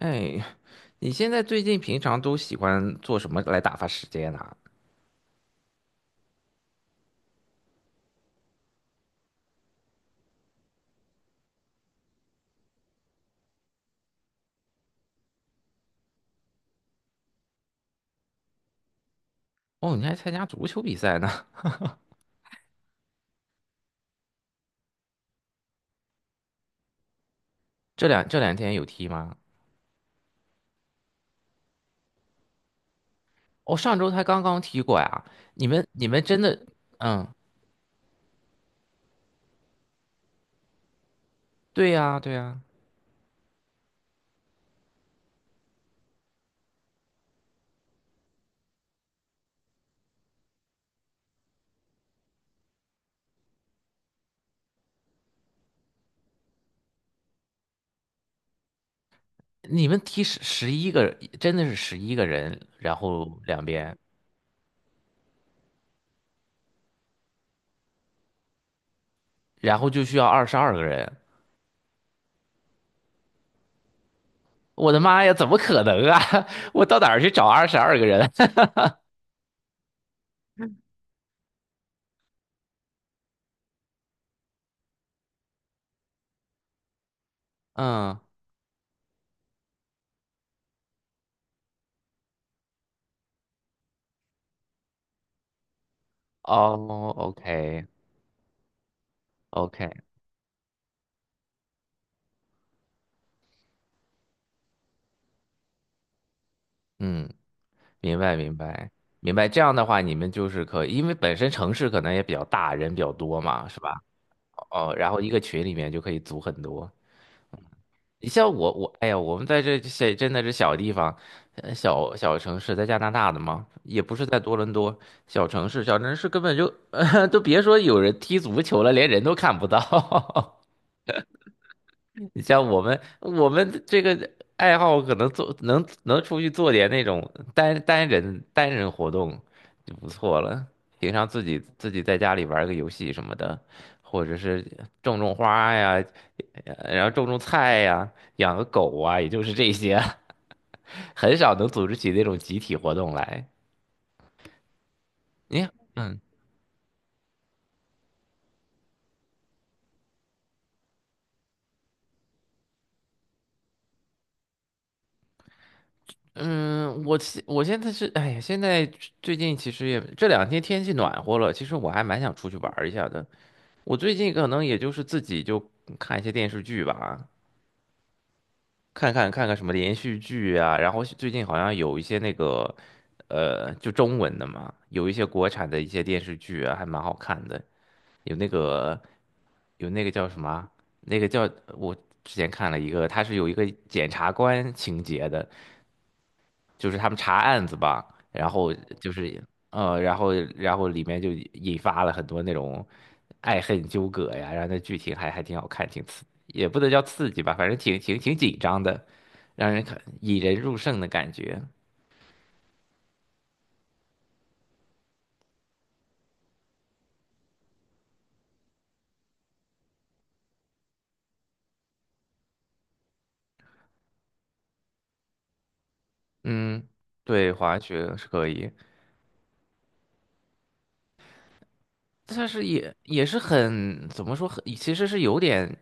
哎，你现在最近平常都喜欢做什么来打发时间呢？哦，你还参加足球比赛呢？这两天有踢吗？哦，上周才刚刚踢过呀。你们真的，嗯，对呀对呀，你们踢十一个，真的是11个人，然后两边，然后就需要二十二个人。我的妈呀，怎么可能啊？我到哪儿去找22个人？嗯，哦，OK OK，嗯，明白明白明白。这样的话，你们就是可以，因为本身城市可能也比较大，人比较多嘛，是吧？哦，然后一个群里面就可以组很多。你像我，哎呀，我们在这真的是小地方，小城市，在加拿大的嘛，也不是在多伦多，小城市小城市根本就，都别说有人踢足球了，连人都看不到。你像我们，我们这个爱好可能能出去做点那种单人活动就不错了。平常自己在家里玩个游戏什么的，或者是种种花呀，然后种种菜呀，养个狗啊，也就是这些，很少能组织起那种集体活动来。你嗯嗯，我现在是，哎呀，现在最近其实也这两天天气暖和了，其实我还蛮想出去玩儿一下的。我最近可能也就是自己就看一些电视剧吧，看看什么连续剧啊，然后最近好像有一些那个就中文的嘛，有一些国产的一些电视剧啊，还蛮好看的，有那个有那个叫什么啊，那个叫我之前看了一个，它是有一个检察官情节的，就是他们查案子吧，然后就是然后里面就引发了很多那种，爱恨纠葛呀，然后那剧情还挺好看，也不能叫刺激吧，反正挺紧张的，让人看引人入胜的感觉。嗯，对，滑雪是可以，但是也是很怎么说，很其实是有点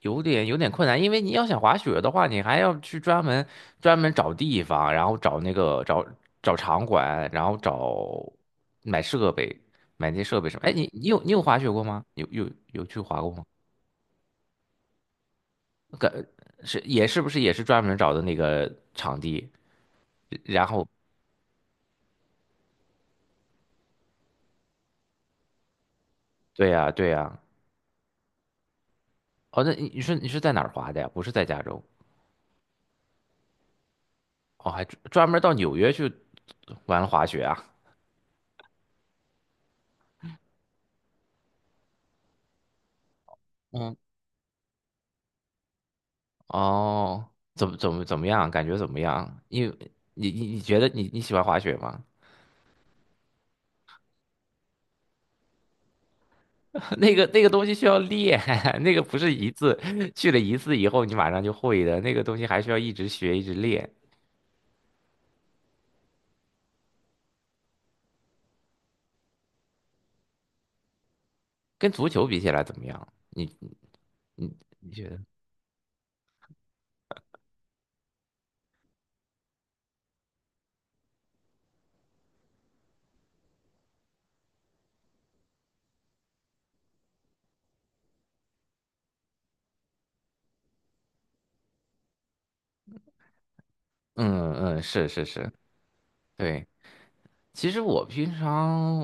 有点有点困难，因为你要想滑雪的话，你还要去专门找地方，然后找场馆，然后买设备，买那些设备什么。哎，你有滑雪过吗？有去滑过吗？个是也是不是也是专门找的那个场地？然后对呀，对呀。哦，那你是在哪儿滑的呀？不是在加州哦，还专门到纽约去玩滑雪啊？嗯，哦，怎么样？感觉怎么样？因为你觉得你喜欢滑雪吗？那个东西需要练，那个不是一次去了一次以后你马上就会的，那个东西还需要一直学一直练。跟足球比起来怎么样？你你觉得？嗯嗯，是是是，对。其实我平常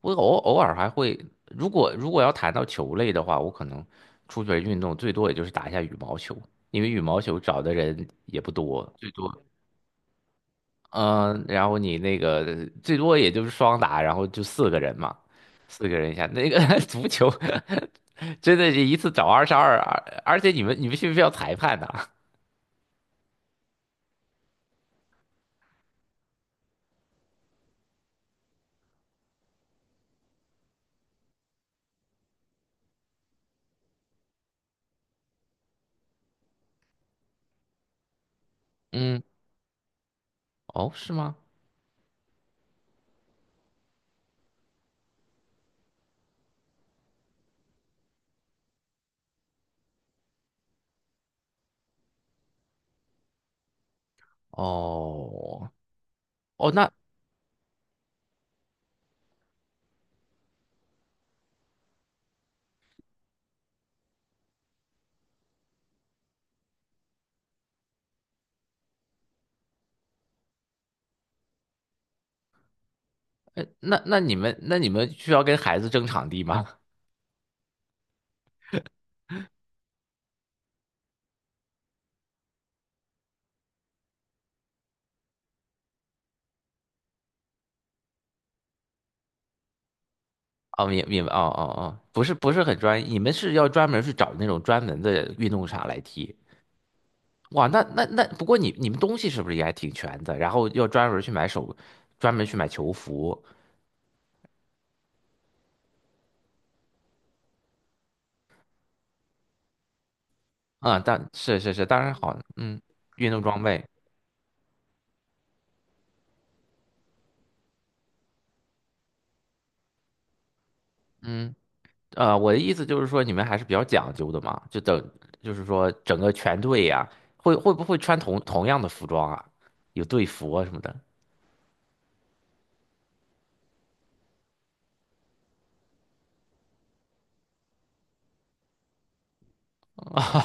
我偶尔还会，如果要谈到球类的话，我可能出去运动最多也就是打一下羽毛球，因为羽毛球找的人也不多，最多嗯，然后你那个最多也就是双打，然后就四个人嘛，四个人一下。那个 足球真的是一次找二十二，而且你们需不需要裁判呢？嗯，哦，是吗？哦哦，那呃那那你们那你们需要跟孩子争场地吗？哦，明白，哦哦哦，不是很专业，你们是要专门去找那种专门的运动场来踢。哇，那那那，不过你们东西是不是也还挺全的？然后要专门去买球服啊，是是是，当然好，嗯，运动装备，嗯，我的意思就是说你们还是比较讲究的嘛，就是说整个全队呀，会不会穿同样的服装啊？有队服啊什么的？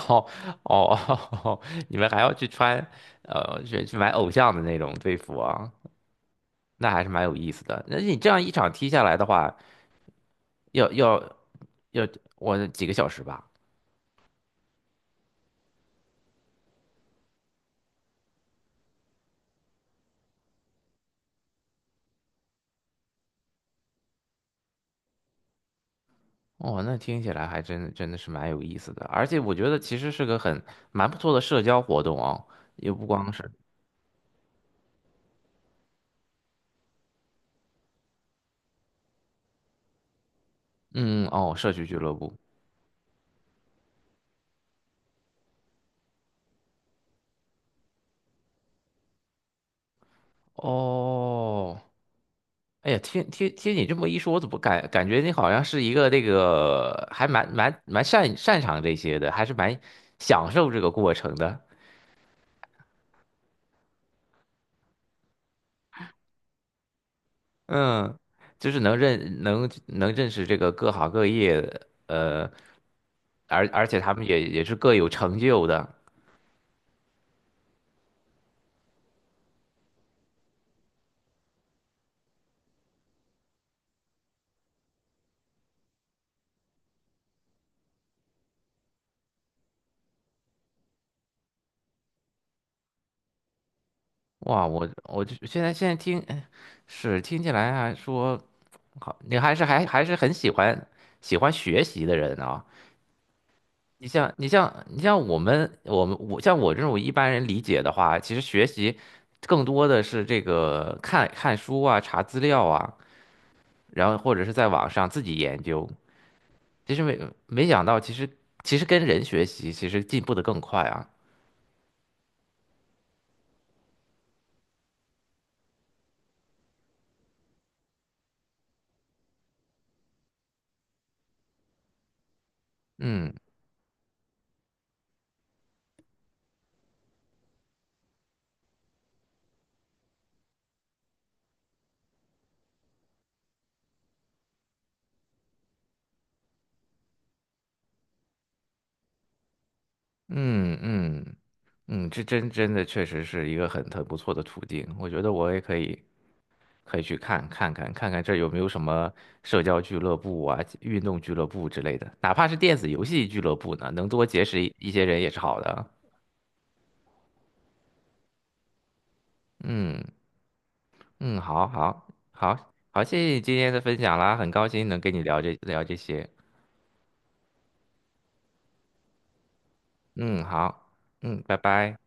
哦哦，你们还要去穿，去买偶像的那种队服啊，那还是蛮有意思的。那你这样一场踢下来的话，要要要几个小时吧？哦，那听起来还真的是蛮有意思的，而且我觉得其实是个很蛮不错的社交活动啊，也不光是，嗯，哦，社区俱乐部，哦。哎呀，听听你这么一说，我怎么感觉你好像是一个这个还蛮擅长这些的，还是蛮享受这个过程的。嗯，就是能认识这个各行各业的，而且他们也是各有成就的。哇，我就现在听，是听起来还说好，你还是很喜欢学习的人啊。你像你像你像我们我们我像我这种一般人理解的话，其实学习更多的是这个看看书啊，查资料啊，然后或者是在网上自己研究。其实没想到，其实跟人学习，其实进步的更快啊。嗯嗯嗯嗯，这真的确实是一个很不错的途径。我觉得我也可以去看看这儿有没有什么社交俱乐部啊，运动俱乐部之类的，哪怕是电子游戏俱乐部呢，能多结识一些人也是好的。嗯嗯，好好好好，谢谢你今天的分享啦，很高兴能跟你聊这些。嗯，好，嗯，拜拜。